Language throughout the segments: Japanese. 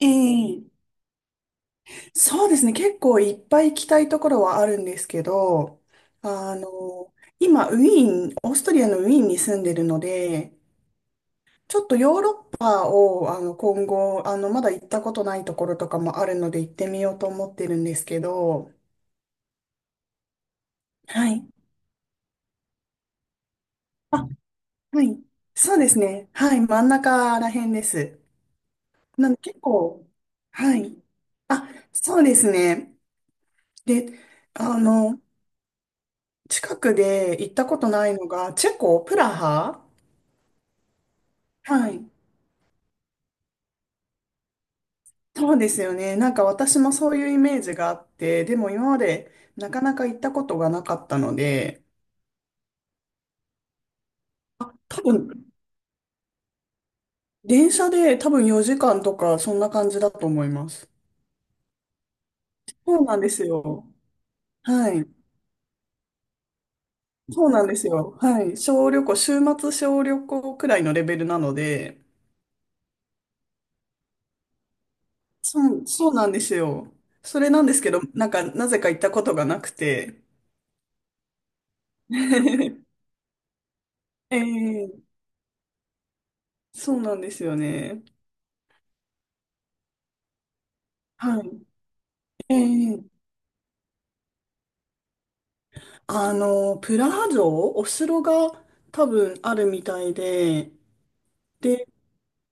ええ、そうですね。結構いっぱい行きたいところはあるんですけど、あの、今、ウィーン、オーストリアのウィーンに住んでるので、ちょっとヨーロッパを、今後、まだ行ったことないところとかもあるので行ってみようと思ってるんですけど、はい。あ、はい。そうですね。はい。真ん中ら辺です。なんで結構、はい。あ、そうですね。で、あの、近くで行ったことないのが、チェコ、プラハ。はい。そうですよね。なんか私もそういうイメージがあって、でも今までなかなか行ったことがなかったので、多分、電車で4時間とかそんな感じだと思います。そうなんですよ。はい。そうなんですよ。はい。小旅行、週末小旅行くらいのレベルなので、そうなんですよ。それなんですけど、なんかなぜか行ったことがなくて。ええ、そうなんですよね。はい。ええ、プラハ城、お城が多分あるみたいで、で、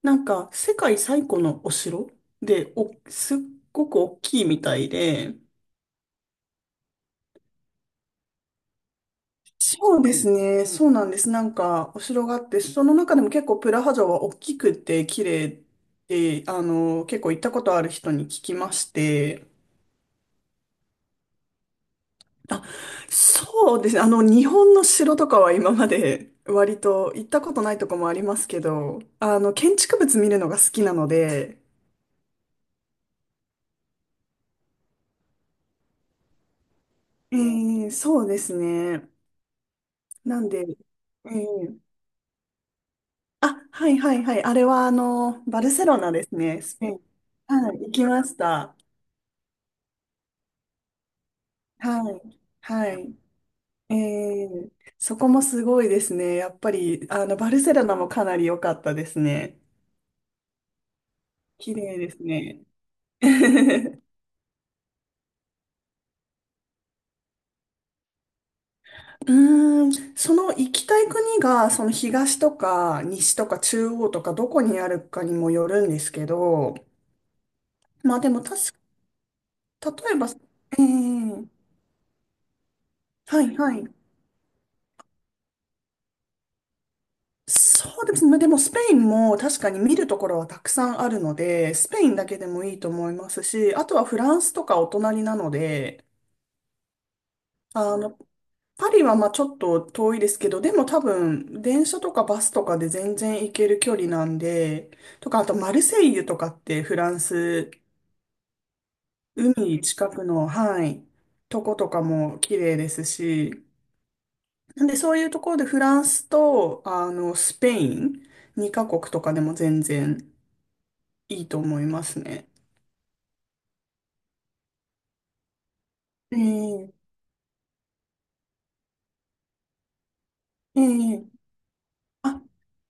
なんか世界最古のお城で、すっごく大きいみたいで、そうですね、そうなんです。なんかお城があって、その中でも結構プラハ城は大きくて綺麗で、結構行ったことある人に聞きまして、あ、そうですね。日本の城とかは今まで割と行ったことないとこもありますけど、建築物見るのが好きなので、そうですね。なんで、えー、あ、はいはいはい。あれはあの、バルセロナですね。スペイン。はい、行きました。はい。はい。えー、そこもすごいですね。やっぱり、バルセロナもかなり良かったですね。綺麗ですね。うーん、その行きたい国が、その東とか西とか中央とかどこにあるかにもよるんですけど、まあでも確か、例えば、ええ、はいはい。そうですね。まあでもスペインも確かに見るところはたくさんあるので、スペインだけでもいいと思いますし、あとはフランスとかお隣なので、あの、パリはまあちょっと遠いですけど、でも多分電車とかバスとかで全然行ける距離なんで、とかあとマルセイユとかってフランス、海近くの、はい、とことかも綺麗ですし、なんでそういうところでフランスとあのスペイン2カ国とかでも全然いいと思いますね。ええ、ええ、あ、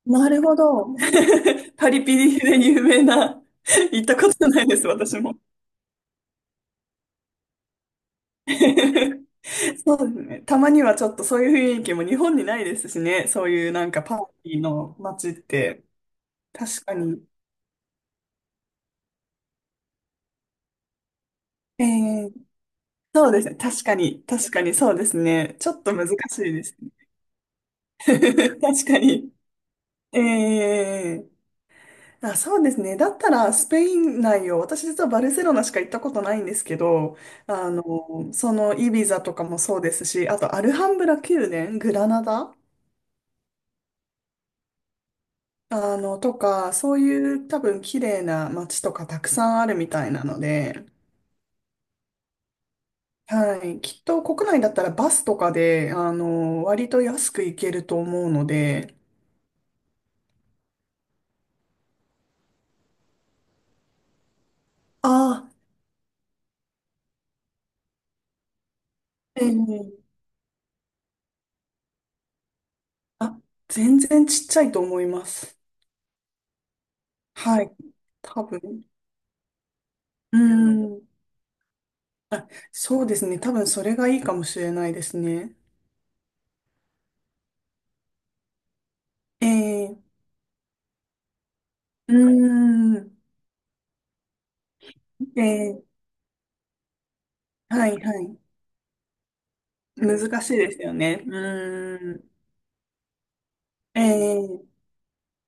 なるほど。パリピリで有名な、行ったことないです、私も。そうですね。たまにはちょっとそういう雰囲気も日本にないですしね。そういうなんかパーティーの街って。確かに。えー、そうですね。確かに。確かにそうですね。ちょっと難しいですね。確かに。えあ、そうですね。だったらスペイン内を、私実はバルセロナしか行ったことないんですけど、あの、そのイビザとかもそうですし、あとアルハンブラ宮殿、グラナダ、とか、そういう多分綺麗な街とかたくさんあるみたいなので、はい、きっと国内だったらバスとかで、割と安く行けると思うので、ああ、ええ、あ、全然ちっちゃいと思います。はい、多分。うん、そうですね、多分それがいいかもしれないですね。ええ、うん、ええ、はい、はい。難しいですよね。うん、え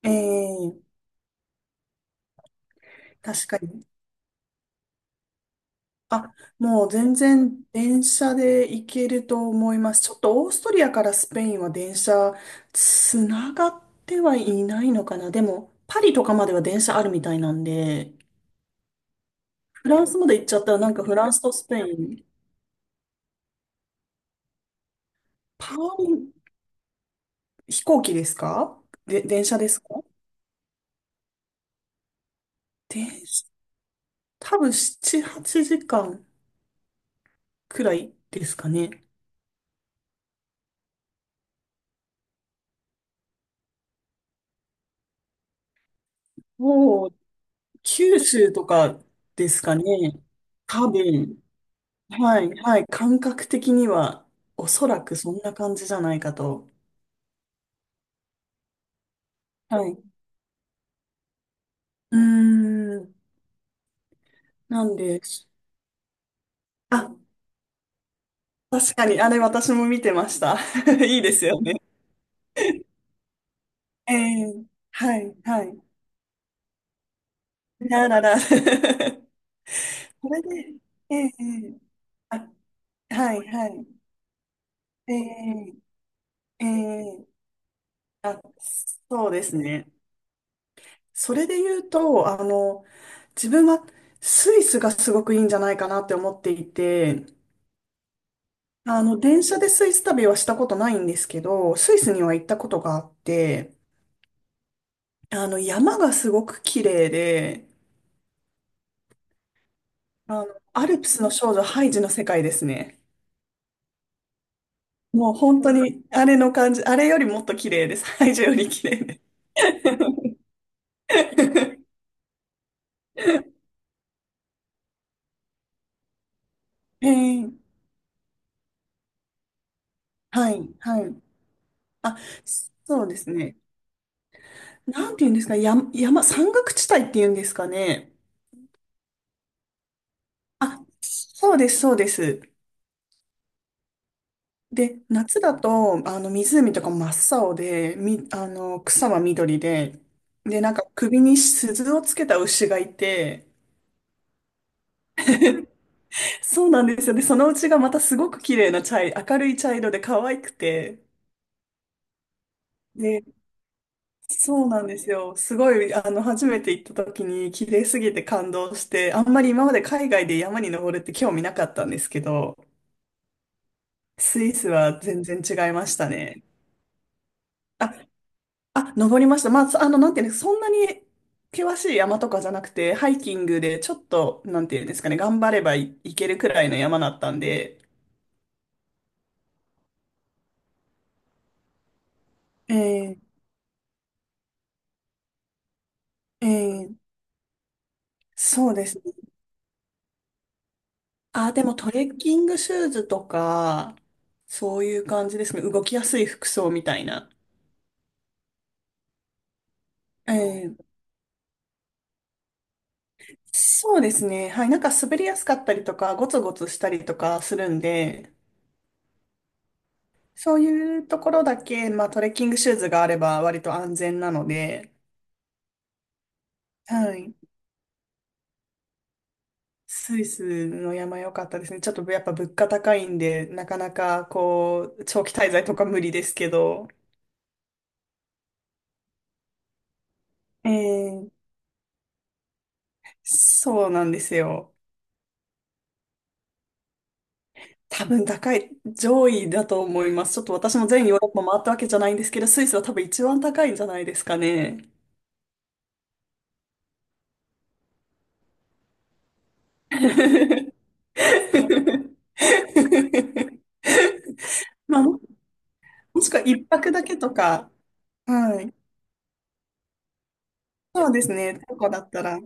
え、ええ、確かに。あ、もう全然電車で行けると思います。ちょっとオーストリアからスペインは電車つながってはいないのかな。でも、パリとかまでは電車あるみたいなんで、フランスまで行っちゃったらなんかフランスとスペイン、パリ、飛行機ですか、で、電車ですか。電車、多分7、8時間くらいですかね。もう、九州とかですかね。多分。はい、はい、感覚的には、おそらくそんな感じじゃないかと。はい。うーん、なんで、あ、確かに、あれ私も見てました。いいですよね。ええ、はい、はい。ラララ。それで、ええ、ええ、あ、はい、はい。ええ、ええ、あ、そうですね。それで言うと、自分はスイスがすごくいいんじゃないかなって思っていて、電車でスイス旅はしたことないんですけど、スイスには行ったことがあって、山がすごく綺麗で、アルプスの少女ハイジの世界ですね。もう本当に、あれの感じ、あれよりもっと綺麗です。ハイジより綺麗です。ええ、はい、はい。あ、そうですね。なんて言うんですか、山岳地帯っていうんですかね。あ、そうです、そうです。で、夏だと、湖とか真っ青で、み、あの、草は緑で、で、なんか首に鈴をつけた牛がいて、そうなんですよ。で、そのうちがまたすごく綺麗な明るい茶色で可愛くて、で、そうなんですよ。すごい、初めて行った時に綺麗すぎて感動して、あんまり今まで海外で山に登るって興味なかったんですけど、スイスは全然違いましたね。ああ、登りました。まあ、そあの、なんていうんですか、そんなに険しい山とかじゃなくて、ハイキングでちょっと、なんていうんですかね、頑張ればいけるくらいの山だったんで、ええ、ええ、そうですね。あ、でもトレッキングシューズとか、そういう感じですね。動きやすい服装みたいな。ええ、そうですね。はい。なんか滑りやすかったりとか、ゴツゴツしたりとかするんで、そういうところだけ、まあトレッキングシューズがあれば割と安全なので、はい。スイスの山良かったですね。ちょっとやっぱ物価高いんで、なかなかこう、長期滞在とか無理ですけど、えー、そうなんですよ。多分高い、上位だと思います。ちょっと私も全ヨーロッパ回ったわけじゃないんですけど、スイスは多分一番高いんじゃないですかね。まあ、ももしくは一泊だけとか、はい。そうですね。とかだったら、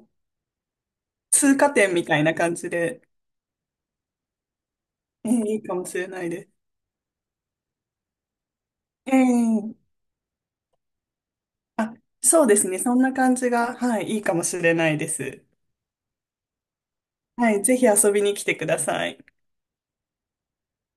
通過点みたいな感じで、いいかもしれないです。ええ、あ、そうですね。そんな感じが、はい、いいかもしれないです。はい、ぜひ遊びに来てください。